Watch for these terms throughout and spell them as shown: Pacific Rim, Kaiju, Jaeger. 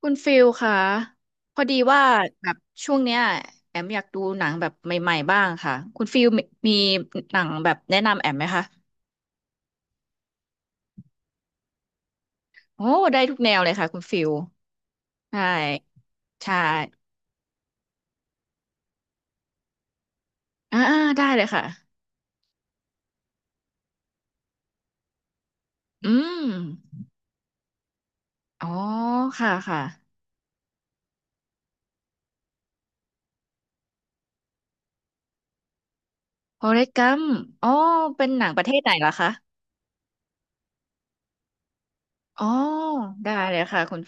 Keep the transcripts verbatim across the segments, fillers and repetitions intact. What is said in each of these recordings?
คุณฟิลค่ะพอดีว่าแบบช่วงเนี้ยแอมอยากดูหนังแบบใหม่ๆบ้างค่ะคุณฟิลมีมีหนังแบบแนะนำแอมไหมคะโอ้ได้ทุกแนวเลยค่ะคุณฟิลใช่ใช่อ่าอ่าได้เลยค่ะอืมอ๋อค่ะค่ะโฟเรสต์กัมอ๋อเป็นหนังประเทศไหนล่ะคะอ๋อได้เลยค่ะคุณ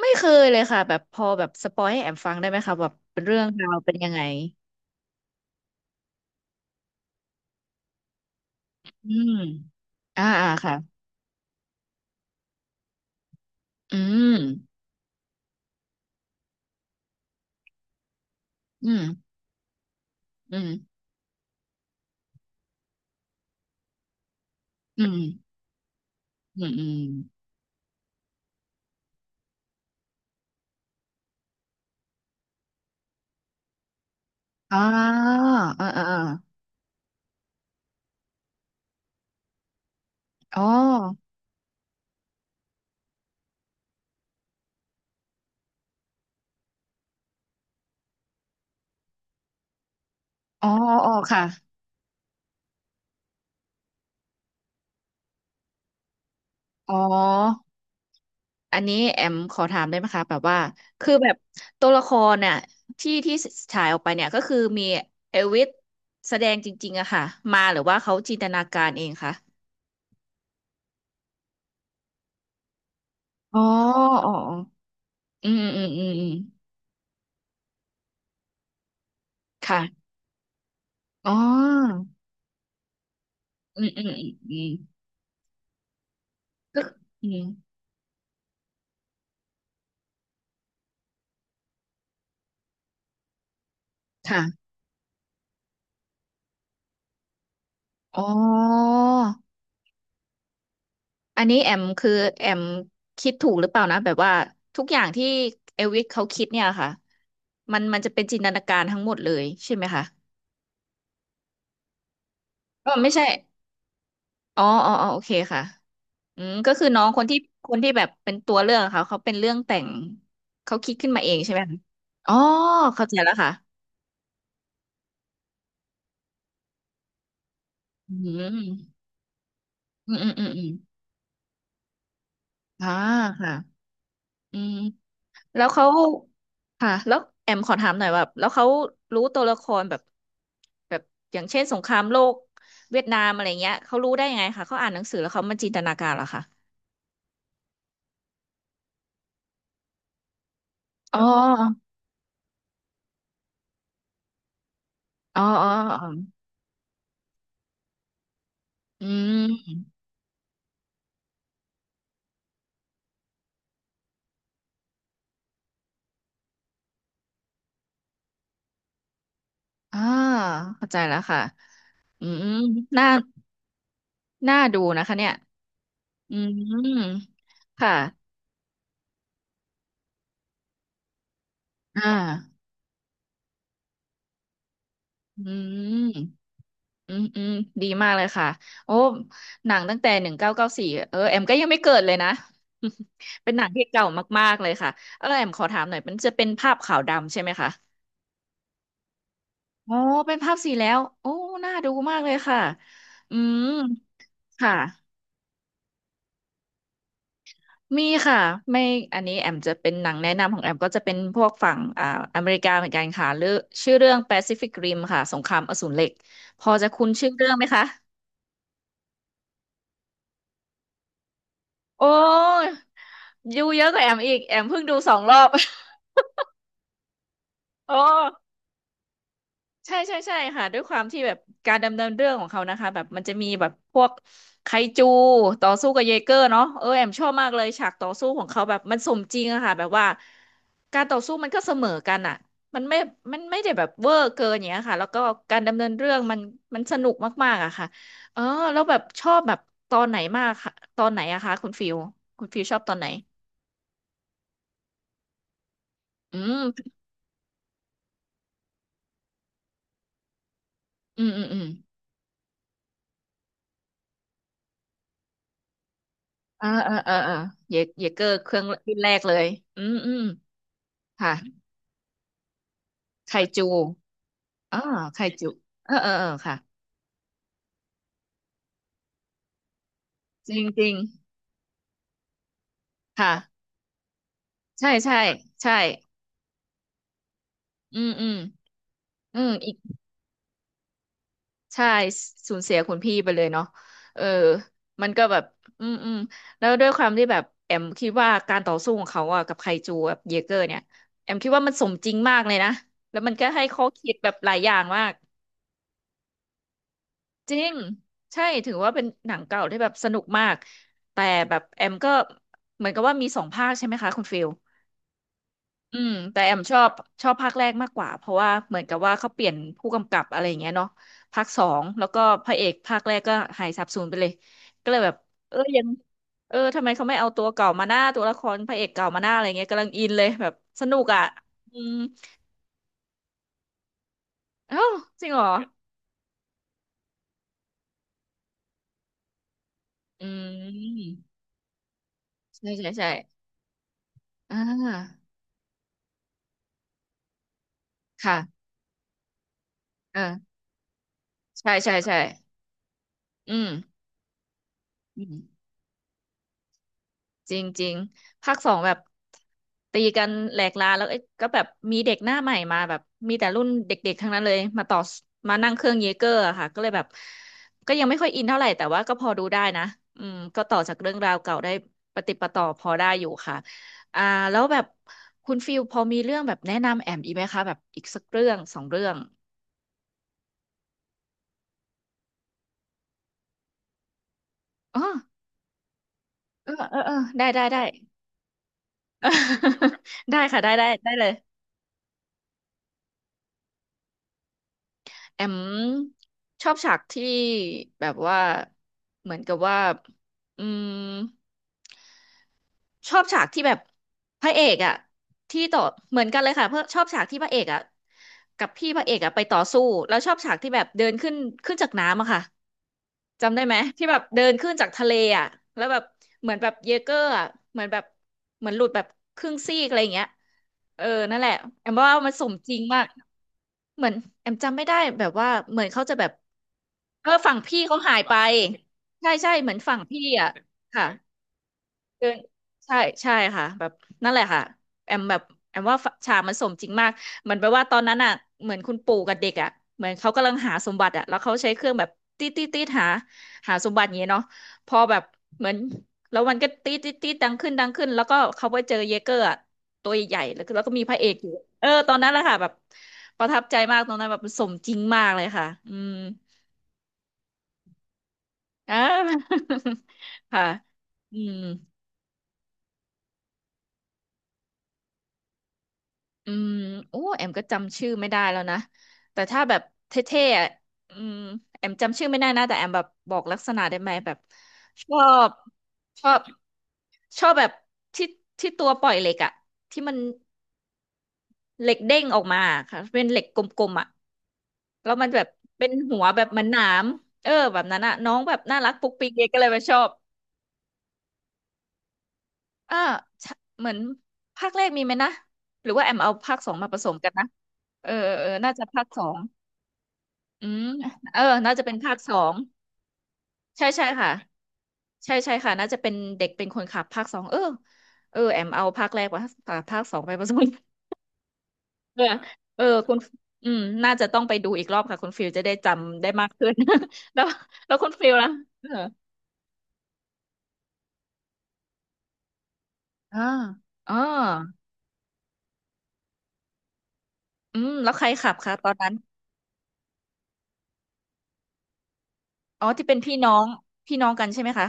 ไม่เคยเลยค่ะแบบพอแบบสปอยให้แอมฟังได้ไหมคะแบบเป็นเรื่องราวเป็นยังไงอืมอ่าอ่าค่ะ อืมอืมอืมอืมอืมอืมอ่าเออเออเอออ๋ออ๋ออ๋อค่ะอ๋ออันนี้แอมขอถามได้ไหมคะแบบว่า คือแบบตัวละครเนี่ยที่ที่ฉายออกไปเนี่ยก็คือมีเอลวิสแสดงจริงๆอะค่ะมาหรือว่าเขาจินตนาการเองคะอ๋ออ๋อออืมอืมอืมอืมค่ะอ๋ออืมอืมอืมอืมก็อืมค่ะอ๋อ อันนี้แอมคือแอมคิดถูกหรือเปล่านะแบบว่าทุกอย่างที่เอลวิสเขาคิดเนี่ยค่ะมันมันจะเป็นจินตนาการทั้งหมดเลยใช่ไหมคะอ๋อไม่ใช่อ๋ออ๋ออ๋อโอเคค่ะอืมก็คือน้องคนที่คนที่แบบเป็นตัวเรื่องค่ะเขาเป็นเรื่องแต่งเขาคิดขึ้นมาเองใช่ไหมคะอ๋อเข้าใจแล้วค่ะอืมอืมอืมอืมอมอ่าค่ะอืม แล้วเขาค่ะแล้วแอมขอถามหน่อยว่าแล้วเขารู้ตัวละครแบบแบบอย่างเช่นสงครามโลกเวียดนามอะไรเงี้ยเขารู้ได้ยังไงคะเขาอ่านหนังสือแล้วเขามาจินตนาการเหรอคะอ๋ออ๋ออ๋ออ๋ออืมอ่าเข้าใจแล้วค่ะอืมน่าน่าดูนะคะเนี่ยอืมค่ะอ่าอืม อืมอืมดีมากเลยค่ะโอ้หนังตั้งแต่หนึ่งเก้าเก้าสี่เออแอมก็ยังไม่เกิดเลยนะ เป็นหนังที่เก่ามากๆเลยค่ะเออแอมขอถามหน่อยมันจะเป็นภาพขาวดำใช่ไหมคะอ๋อเป็นภาพสีแล้วโอ้น่าดูมากเลยค่ะอืมค่ะมีค่ะไม่อันนี้แอมจะเป็นหนังแนะนำของแอมก็จะเป็นพวกฝั่งอ่าอเมริกาเหมือนกันค่ะเรื่องชื่อเรื่อง Pacific Rim ค่ะสงครามอสูรเหล็กพอจะคุ้นชื่อเรื่องไหมคะ โอ้ดูเยอะกว่าแอมอีกแอมเพิ่งดูสองรอบ โอ้ใช่ใช่ใช่ค่ะด้วยความที่แบบการดำเนินเรื่องของเขานะคะแบบมันจะมีแบบพวกไคจูต่อสู้กับเยเกอร์เนาะเออแอมชอบมากเลยฉากต่อสู้ของเขาแบบมันสมจริงอะค่ะแบบว่าการต่อสู้มันก็เสมอกันอะมันไม่มันไม่ได้แบบเวอร์เกินอย่างเงี้ยค่ะแล้วก็การดำเนินเรื่องมันมันสนุกมากๆอะค่ะเออแล้วแบบชอบแบบตอนไหนมากค่ะตอนไหนอะคะคุณฟิวคุณฟิวชอบตอนไหนอืมอืมอืมอืม อ่าอ่าอ่าอ่าเยเยเกอร์เครื่องรุ่นแรกเลยอืมอืมค่ะไคจูอ่าไคจูเออเออเออค่ะจริงจริงค่ะใช่ใช่ใช่อืมอืมอืมอีกใช่สูญเสียคุณพี่ไปเลยเนาะเออมันก็แบบอืมอืมแล้วด้วยความที่แบบแอมคิดว่าการต่อสู้ของเขาอะกับไคจูกับเยเกอร์เนี่ยแอมคิดว่ามันสมจริงมากเลยนะแล้วมันก็ให้ข้อคิดแบบหลายอย่างมาก จริงใช่ถือว่าเป็นหนังเก่าที่แบบสนุกมากแต่แบบแอมก็เหมือนกับว่ามีสองภาคใช่ไหมคะคุณฟิลอืมแต่แอมชอบชอบภาคแรกมากกว่าเพราะว่าเหมือนกับว่าเขาเปลี่ยนผู้กำกับอะไรอย่างเงี้ยเนาะภาคสองแล้วก็พระเอกภาคแรกก็หายสาบสูญไปเลยก็เลยแบบเออยังเออทำไมเขาไม่เอาตัวเก่ามาหน้าตัวละครพระเอกเก่ามาหน้าอะไรเงี้ยกำลังอินเลยแบบสนุกอ่ะอืมเอ้าจริงเหรออืมใช่ใช่ใช่อ่าค่ะเออ ใช่ใช่ใช่อืมอืมจริงจริงภาคสองแบบตีกันแหลกลาแล้วเอ้ยก็แบบมีเด็กหน้าใหม่มาแบบมีแต่รุ่นเด็กๆทั้งนั้นเลยมาต่อมานั่งเครื่องเยเกอร์อะค่ะก็เลยแบบก็ยังไม่ค่อยอินเท่าไหร่แต่ว่าก็พอดูได้นะอืมก็ต่อจากเรื่องราวเก่าได้ปะติดปะต่อพอได้อยู่ค่ะอ่าแล้วแบบคุณฟิลพอมีเรื่องแบบแนะนำแอมอีกไหมคะแบบอีกสักเรื่องสองเรื่องอ๋อเออเออเออได้ได้ได้ ได้ค่ะได้ได้ได้เลย แอมชอบฉากที่แบบว่าเหมือนกับว่าอืม ชอบฉากที่แบบพระเอกอ่ะที่ต่อเหมือนกันเลยค่ะเพื่อชอบฉากที่พระเอกอ่ะกับพี่พระเอกอ่ะไปต่อสู้แล้วชอบฉากที่แบบเดินขึ้นขึ้นจากน้ำอะค่ะจำได้ไหมที่แบบเดินขึ้นจากทะเลอ่ะแล้วแบบเหมือนแบบเยเกอร์อะเหมือนแบบเหมือนหลุดแบบครึ่งซีกอะไรอย่างเงี้ยเออนั่นแหละแอมว่ามันสมจริงมากเหมือนแอมจำไม่ได้แบบว่าเหมือนเขาจะแบบเออฝั่งพี่เขาหายไปใช่ใช่เหมือนฝั่งพี่อ่ะค่ะ เดินใช่ใช่ค่ะแบบนั่นแหละค่ะแอมแบบแอมว่าฉากมันสมจริงมากเหมือนแปลว่าตอนนั้นอ่ะเหมือนคุณปู่กับเด็กอ่ะเหมือนเขากำลังหาสมบัติอ่ะแล้วเขาใช้เครื่องแบบตีตีตีหาหาสมบัติอย่างเงี้ยเนาะพอแบบเหมือนแล้วมันก็ตีตีตีดังขึ้นดังขึ้นแล้วก็เขาไปเจอเยเกอร์อะตัวใหญ่ๆแล้วก็แล้วก็มีพระเอกอยู่เออตอนนั้นแหละค่ะแบบประทับใจมากตอนนั้นแบบสมจริงมากเลยค่ะอืมอ่า ค่ะอืม อืมโอ้แอมก็จำชื่อไม่ได้แล้วนะแต่ถ้าแบบเท่ๆอ่ะอืมแอมจำชื่อไม่ได้นะแต่แอมแบบบอกลักษณะได้ไหมแบบชอบชอบชอบแบบที่ที่ตัวปล่อยเหล็กอ่ะที่มันเหล็กเด้งออกมาค่ะเป็นเหล็กกลมๆอ่ะแล้วมันแบบเป็นหัวแบบเหมันหนามเออแบบนั้นอ่ะน้องแบบน่ารักปุ๊กปิ๊กเด็กก็เลยไปชอบอ่าใช่เหมือนภาคแรกมีไหมนะหรือว่าแอมเอาภาคสองมาผสมกันนะเออเออเออน่าจะภาคสอง อืมเออน่าจะเป็นภาคสองใช่ใช่ค่ะใช่ใช่ค่ะน่าจะเป็นเด็กเป็นคนขับภาคสองเออเออแอมเอาภาคแรกว่าภาคสองไปผสม เออเออคุณอืมน่าจะต้องไปดูอีกรอบค่ะคุณฟิลจะได้จำได้มากขึ้น แล้วแล้วคุณฟิลล่ะเอออ่าอ๋ออืมแล้วใครขับคะตอนนั้นอ๋อที่เป็นพี่น้องพี่น้องกันใช่ไหมคะ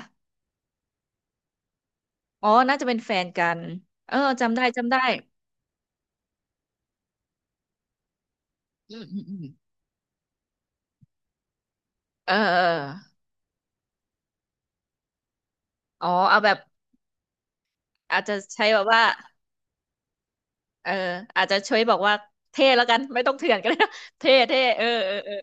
อ๋อน่าจะเป็นแฟนกันเออจำได้จำได้อืมอืมอืมเออเออเอออ๋อเอาแบบอาจจะใช้แบบว่า เอออาจจะช่วยบอกว่าเท่แล้วกันไม่ต้องเถื่อนก็ได้ เท่เท่เออเออเออ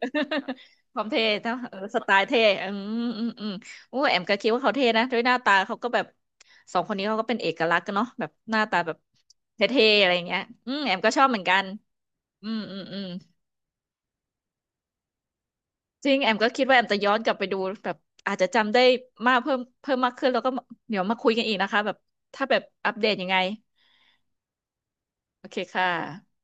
ความเท่เท่าเออสไตล์เท่อืมอืมอืมโอ้แอมก็คิดว่าเขาเท่นะด้วยหน้าตาเขาก็แบบสองคนนี้เขาก็เป็นเอกลักษณ์กันเนาะแบบหน้าตาแบบเท่ๆอะไรอย่างเงี้ยอืมแอมก็ชอบเหมือนกันอืมอืมอืมจริงแอมก็คิดว่าแอมจะย้อนกลับไปดูแบบอาจจะจำได้มากเพิ่มเพิ่มมากขึ้นแล้วก็เดี๋ยวมาคุยกันอีกนะคะแบบถ้าแบบอัปเดตยังไงโอเคค่ะ